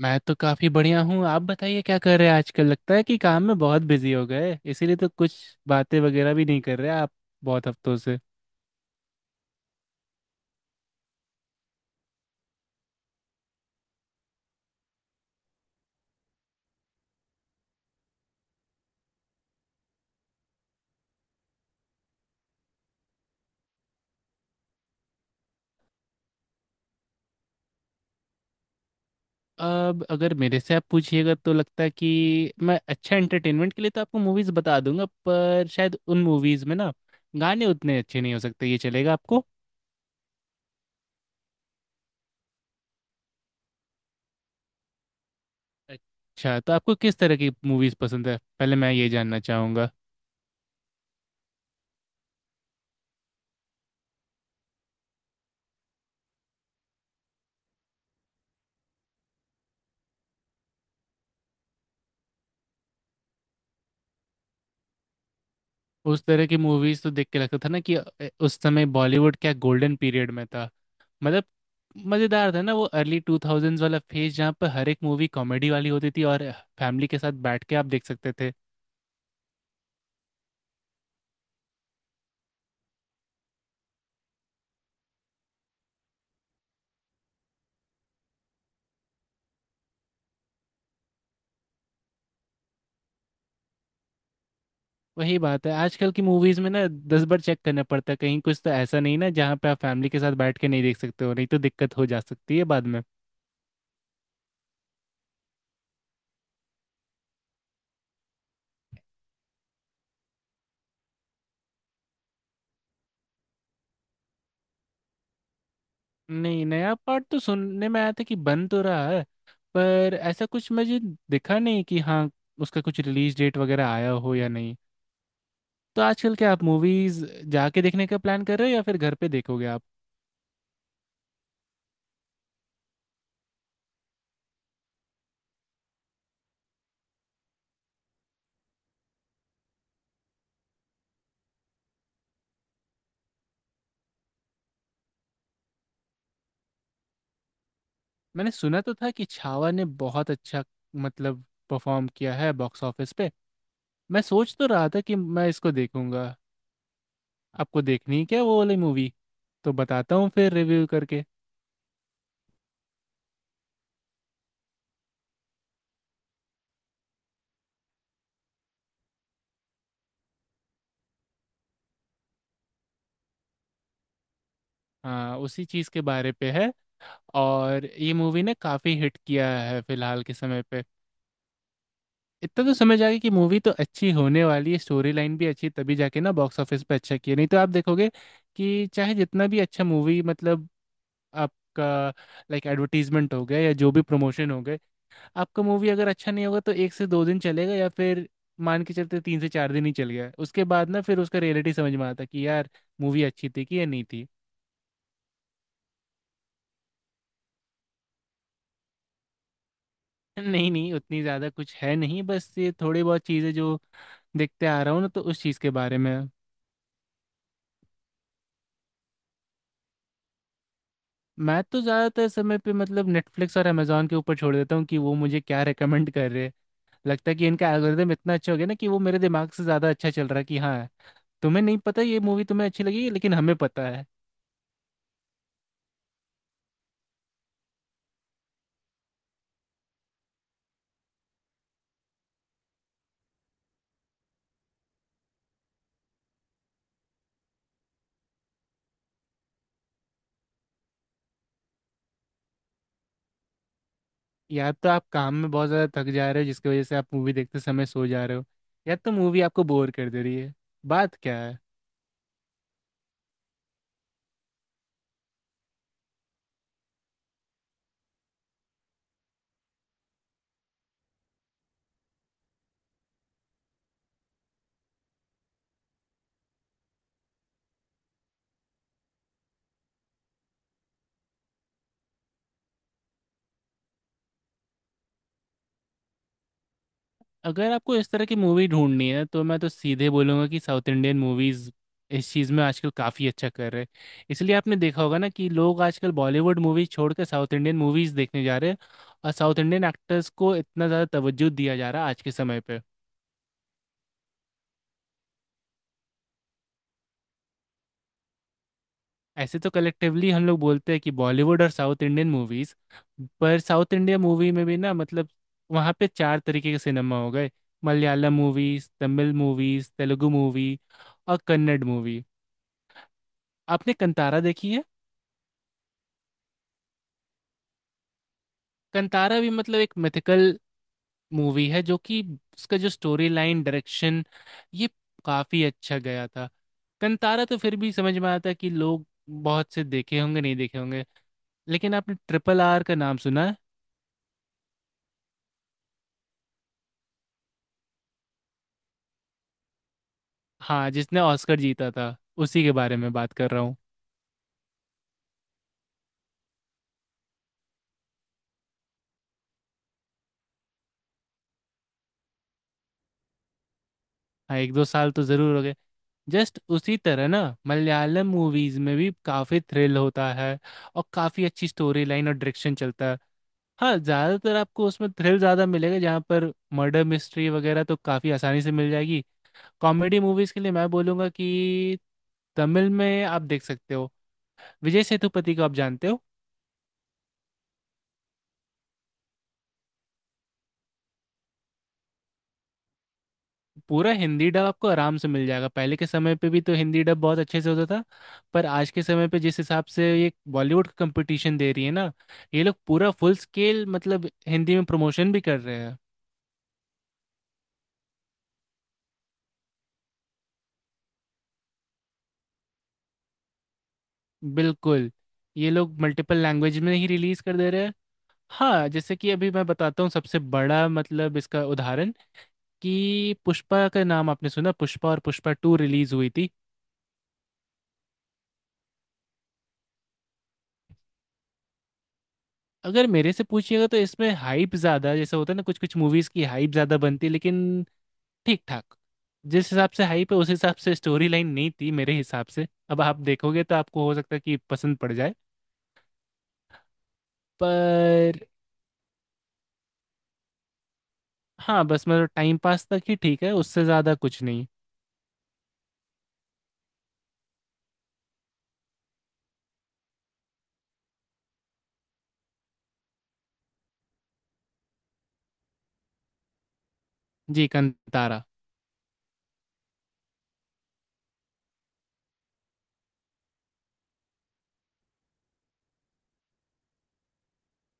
मैं तो काफी बढ़िया हूँ। आप बताइए क्या कर रहे हैं आजकल। लगता है कि काम में बहुत बिजी हो गए इसीलिए तो कुछ बातें वगैरह भी नहीं कर रहे आप बहुत हफ्तों से। अब अगर मेरे से आप पूछिएगा तो लगता है कि मैं अच्छा एंटरटेनमेंट के लिए तो आपको मूवीज बता दूंगा, पर शायद उन मूवीज में ना गाने उतने अच्छे नहीं हो सकते। ये चलेगा आपको? अच्छा, तो आपको किस तरह की मूवीज पसंद है, पहले मैं ये जानना चाहूंगा। उस तरह की मूवीज तो देख के लगता था ना कि उस समय बॉलीवुड क्या गोल्डन पीरियड में था। मतलब मजेदार था ना वो अर्ली टू थाउजेंड्स वाला फेज जहाँ पर हर एक मूवी कॉमेडी वाली होती थी और फैमिली के साथ बैठ के आप देख सकते थे। वही बात है, आजकल की मूवीज में ना 10 बार चेक करना पड़ता है कहीं कुछ तो ऐसा नहीं ना जहाँ पे आप फैमिली के साथ बैठ के नहीं देख सकते हो, नहीं तो दिक्कत हो जा सकती है बाद में। नहीं, नया पार्ट तो सुनने में आया था कि बन तो रहा है, पर ऐसा कुछ मुझे दिखा नहीं कि हाँ उसका कुछ रिलीज डेट वगैरह आया हो या नहीं। तो आजकल क्या आप मूवीज जाके देखने का प्लान कर रहे हो या फिर घर पे देखोगे आप? मैंने सुना तो था कि छावा ने बहुत अच्छा मतलब परफॉर्म किया है बॉक्स ऑफिस पे। मैं सोच तो रहा था कि मैं इसको देखूंगा। आपको देखनी है क्या वो वाली मूवी? तो बताता हूँ फिर रिव्यू करके। हाँ, उसी चीज़ के बारे पे है और ये मूवी ने काफ़ी हिट किया है फिलहाल के समय पे। इतना तो समझ आ गया कि मूवी तो अच्छी होने वाली है, स्टोरी लाइन भी अच्छी, तभी जाके ना बॉक्स ऑफिस पे अच्छा किया, नहीं तो आप देखोगे कि चाहे जितना भी अच्छा मूवी मतलब आपका लाइक एडवर्टीजमेंट हो गया या जो भी प्रमोशन हो गए, आपका मूवी अगर अच्छा नहीं होगा तो 1 से 2 दिन चलेगा या फिर मान के चलते 3 से 4 दिन ही चल गया, उसके बाद ना फिर उसका रियलिटी समझ में आता कि यार मूवी अच्छी थी कि या नहीं थी। नहीं नहीं, उतनी ज़्यादा कुछ है नहीं, बस ये थोड़ी बहुत चीज़ें जो देखते आ रहा हूँ ना तो उस चीज़ के बारे में है। मैं तो ज़्यादातर समय पे मतलब नेटफ्लिक्स और अमेजोन के ऊपर छोड़ देता हूँ कि वो मुझे क्या रेकमेंड कर रहे हैं। लगता है कि इनका एल्गोरिदम इतना अच्छा हो गया ना कि वो मेरे दिमाग से ज़्यादा अच्छा चल रहा है कि हाँ तुम्हें नहीं पता ये मूवी तुम्हें अच्छी लगी, लेकिन हमें पता है। या तो आप काम में बहुत ज्यादा थक जा रहे हो जिसकी वजह से आप मूवी देखते समय सो जा रहे हो, या तो मूवी आपको बोर कर दे रही है। बात क्या है? अगर आपको इस तरह की मूवी ढूंढनी है तो मैं तो सीधे बोलूंगा कि साउथ इंडियन मूवीज इस चीज़ में आजकल काफ़ी अच्छा कर रहे हैं। इसलिए आपने देखा होगा ना कि लोग आजकल बॉलीवुड मूवीज छोड़कर साउथ इंडियन मूवीज देखने जा रहे हैं और साउथ इंडियन एक्टर्स को इतना ज़्यादा तवज्जो दिया जा रहा है आज के समय पे। ऐसे तो कलेक्टिवली हम लोग बोलते हैं कि बॉलीवुड और साउथ इंडियन मूवीज, पर साउथ इंडिया मूवी में भी ना मतलब वहाँ पे चार तरीके के सिनेमा हो गए। Malayalam movies, Tamil movies, Telugu movie और कन्नड़ मूवी। आपने कंतारा देखी है? कंतारा भी मतलब एक मिथिकल मूवी है, जो कि उसका जो स्टोरी लाइन, डायरेक्शन, ये काफी अच्छा गया था। कंतारा तो फिर भी समझ में आता है कि लोग बहुत से देखे होंगे, नहीं देखे होंगे, लेकिन आपने RRR का नाम सुना है? हाँ, जिसने ऑस्कर जीता था, उसी के बारे में बात कर रहा हूँ। हाँ, एक दो साल तो जरूर हो गए। जस्ट उसी तरह ना मलयालम मूवीज में भी काफी थ्रिल होता है और काफी अच्छी स्टोरी लाइन और डायरेक्शन चलता है। हाँ, ज्यादातर आपको उसमें थ्रिल ज्यादा मिलेगा, जहाँ पर मर्डर मिस्ट्री वगैरह तो काफी आसानी से मिल जाएगी। कॉमेडी मूवीज के लिए मैं बोलूंगा कि तमिल में आप देख सकते हो। विजय सेतुपति को आप जानते हो? पूरा हिंदी डब आपको आराम से मिल जाएगा, पहले के समय पे भी तो हिंदी डब बहुत अच्छे से होता था। पर आज के समय पे जिस हिसाब से ये बॉलीवुड का कंपटीशन दे रही है ना, ये लोग पूरा फुल स्केल मतलब हिंदी में प्रमोशन भी कर रहे हैं। बिल्कुल ये लोग मल्टीपल लैंग्वेज में ही रिलीज कर दे रहे हैं। हाँ, जैसे कि अभी मैं बताता हूँ सबसे बड़ा मतलब इसका उदाहरण कि पुष्पा का नाम आपने सुना, पुष्पा और पुष्पा 2 रिलीज हुई थी। अगर मेरे से पूछिएगा तो इसमें हाइप ज़्यादा, जैसे होता है ना कुछ कुछ मूवीज़ की हाइप ज़्यादा बनती है, लेकिन ठीक ठाक, जिस हिसाब से हाइप है उस हिसाब से स्टोरी लाइन नहीं थी मेरे हिसाब से। अब आप देखोगे तो आपको हो सकता है कि पसंद पड़ जाए, पर हाँ, बस मतलब टाइम पास तक ही ठीक है, उससे ज़्यादा कुछ नहीं। जी, कंतारा।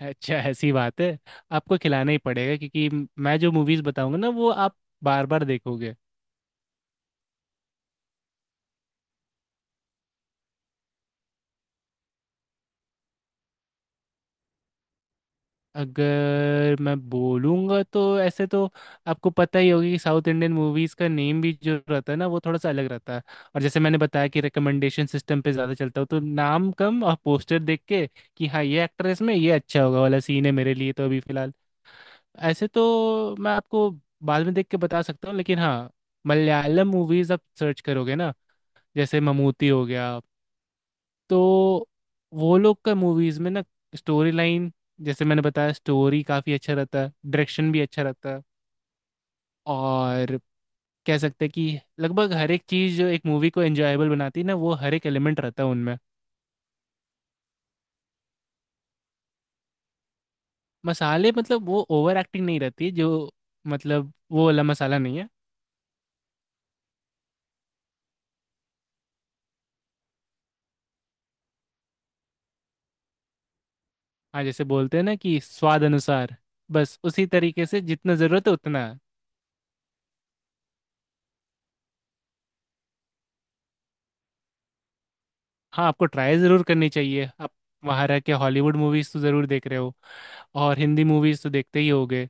अच्छा, ऐसी बात है? आपको खिलाना ही पड़ेगा, क्योंकि मैं जो मूवीज़ बताऊंगा ना वो आप बार बार देखोगे। अगर मैं बोलूँगा तो ऐसे तो आपको पता ही होगी कि साउथ इंडियन मूवीज़ का नेम भी जो रहता है ना वो थोड़ा सा अलग रहता है। और जैसे मैंने बताया कि रिकमेंडेशन सिस्टम पे ज़्यादा चलता हो तो नाम कम और पोस्टर देख के कि हाँ ये एक्टर है इसमें, ये अच्छा होगा वाला सीन है मेरे लिए, तो अभी फ़िलहाल ऐसे तो मैं आपको बाद में देख के बता सकता हूँ, लेकिन हाँ मलयालम मूवीज़ आप सर्च करोगे ना, जैसे ममूटी हो गया, तो वो लोग का मूवीज में ना स्टोरी लाइन, जैसे मैंने बताया, स्टोरी काफी अच्छा रहता है, डायरेक्शन भी अच्छा रहता है, और कह सकते हैं कि लगभग हर एक चीज जो एक मूवी को एंजॉयबल बनाती है ना वो हर एक एलिमेंट रहता है उनमें। मसाले मतलब वो ओवर एक्टिंग नहीं रहती जो, मतलब वो वाला मसाला नहीं है। हाँ, जैसे बोलते हैं ना कि स्वाद अनुसार, बस उसी तरीके से जितना ज़रूरत है उतना। हाँ, आपको ट्राई ज़रूर करनी चाहिए। आप वहाँ रह के हॉलीवुड मूवीज़ तो ज़रूर देख रहे हो और हिंदी मूवीज़ तो देखते ही होगे,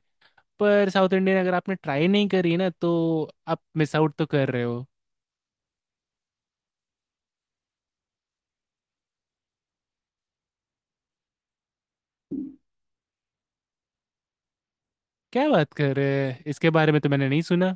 पर साउथ इंडियन अगर आपने ट्राई नहीं करी ना तो आप मिस आउट तो कर रहे हो। क्या बात कर रहे हैं? इसके बारे में तो मैंने नहीं सुना।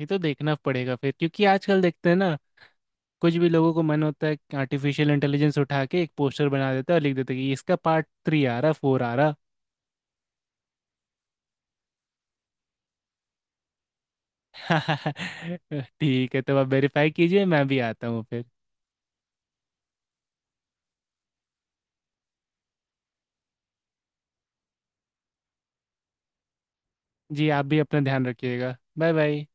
ये तो देखना पड़ेगा फिर, क्योंकि आजकल देखते हैं ना कुछ भी लोगों को मन होता है कि आर्टिफिशियल इंटेलिजेंस उठा के एक पोस्टर बना देता है और लिख देता है कि इसका पार्ट 3 आ रहा, 4 आ रहा। ठीक है, तो आप वेरीफाई कीजिए, मैं भी आता हूँ फिर। जी, आप भी अपना ध्यान रखिएगा। Bye bye.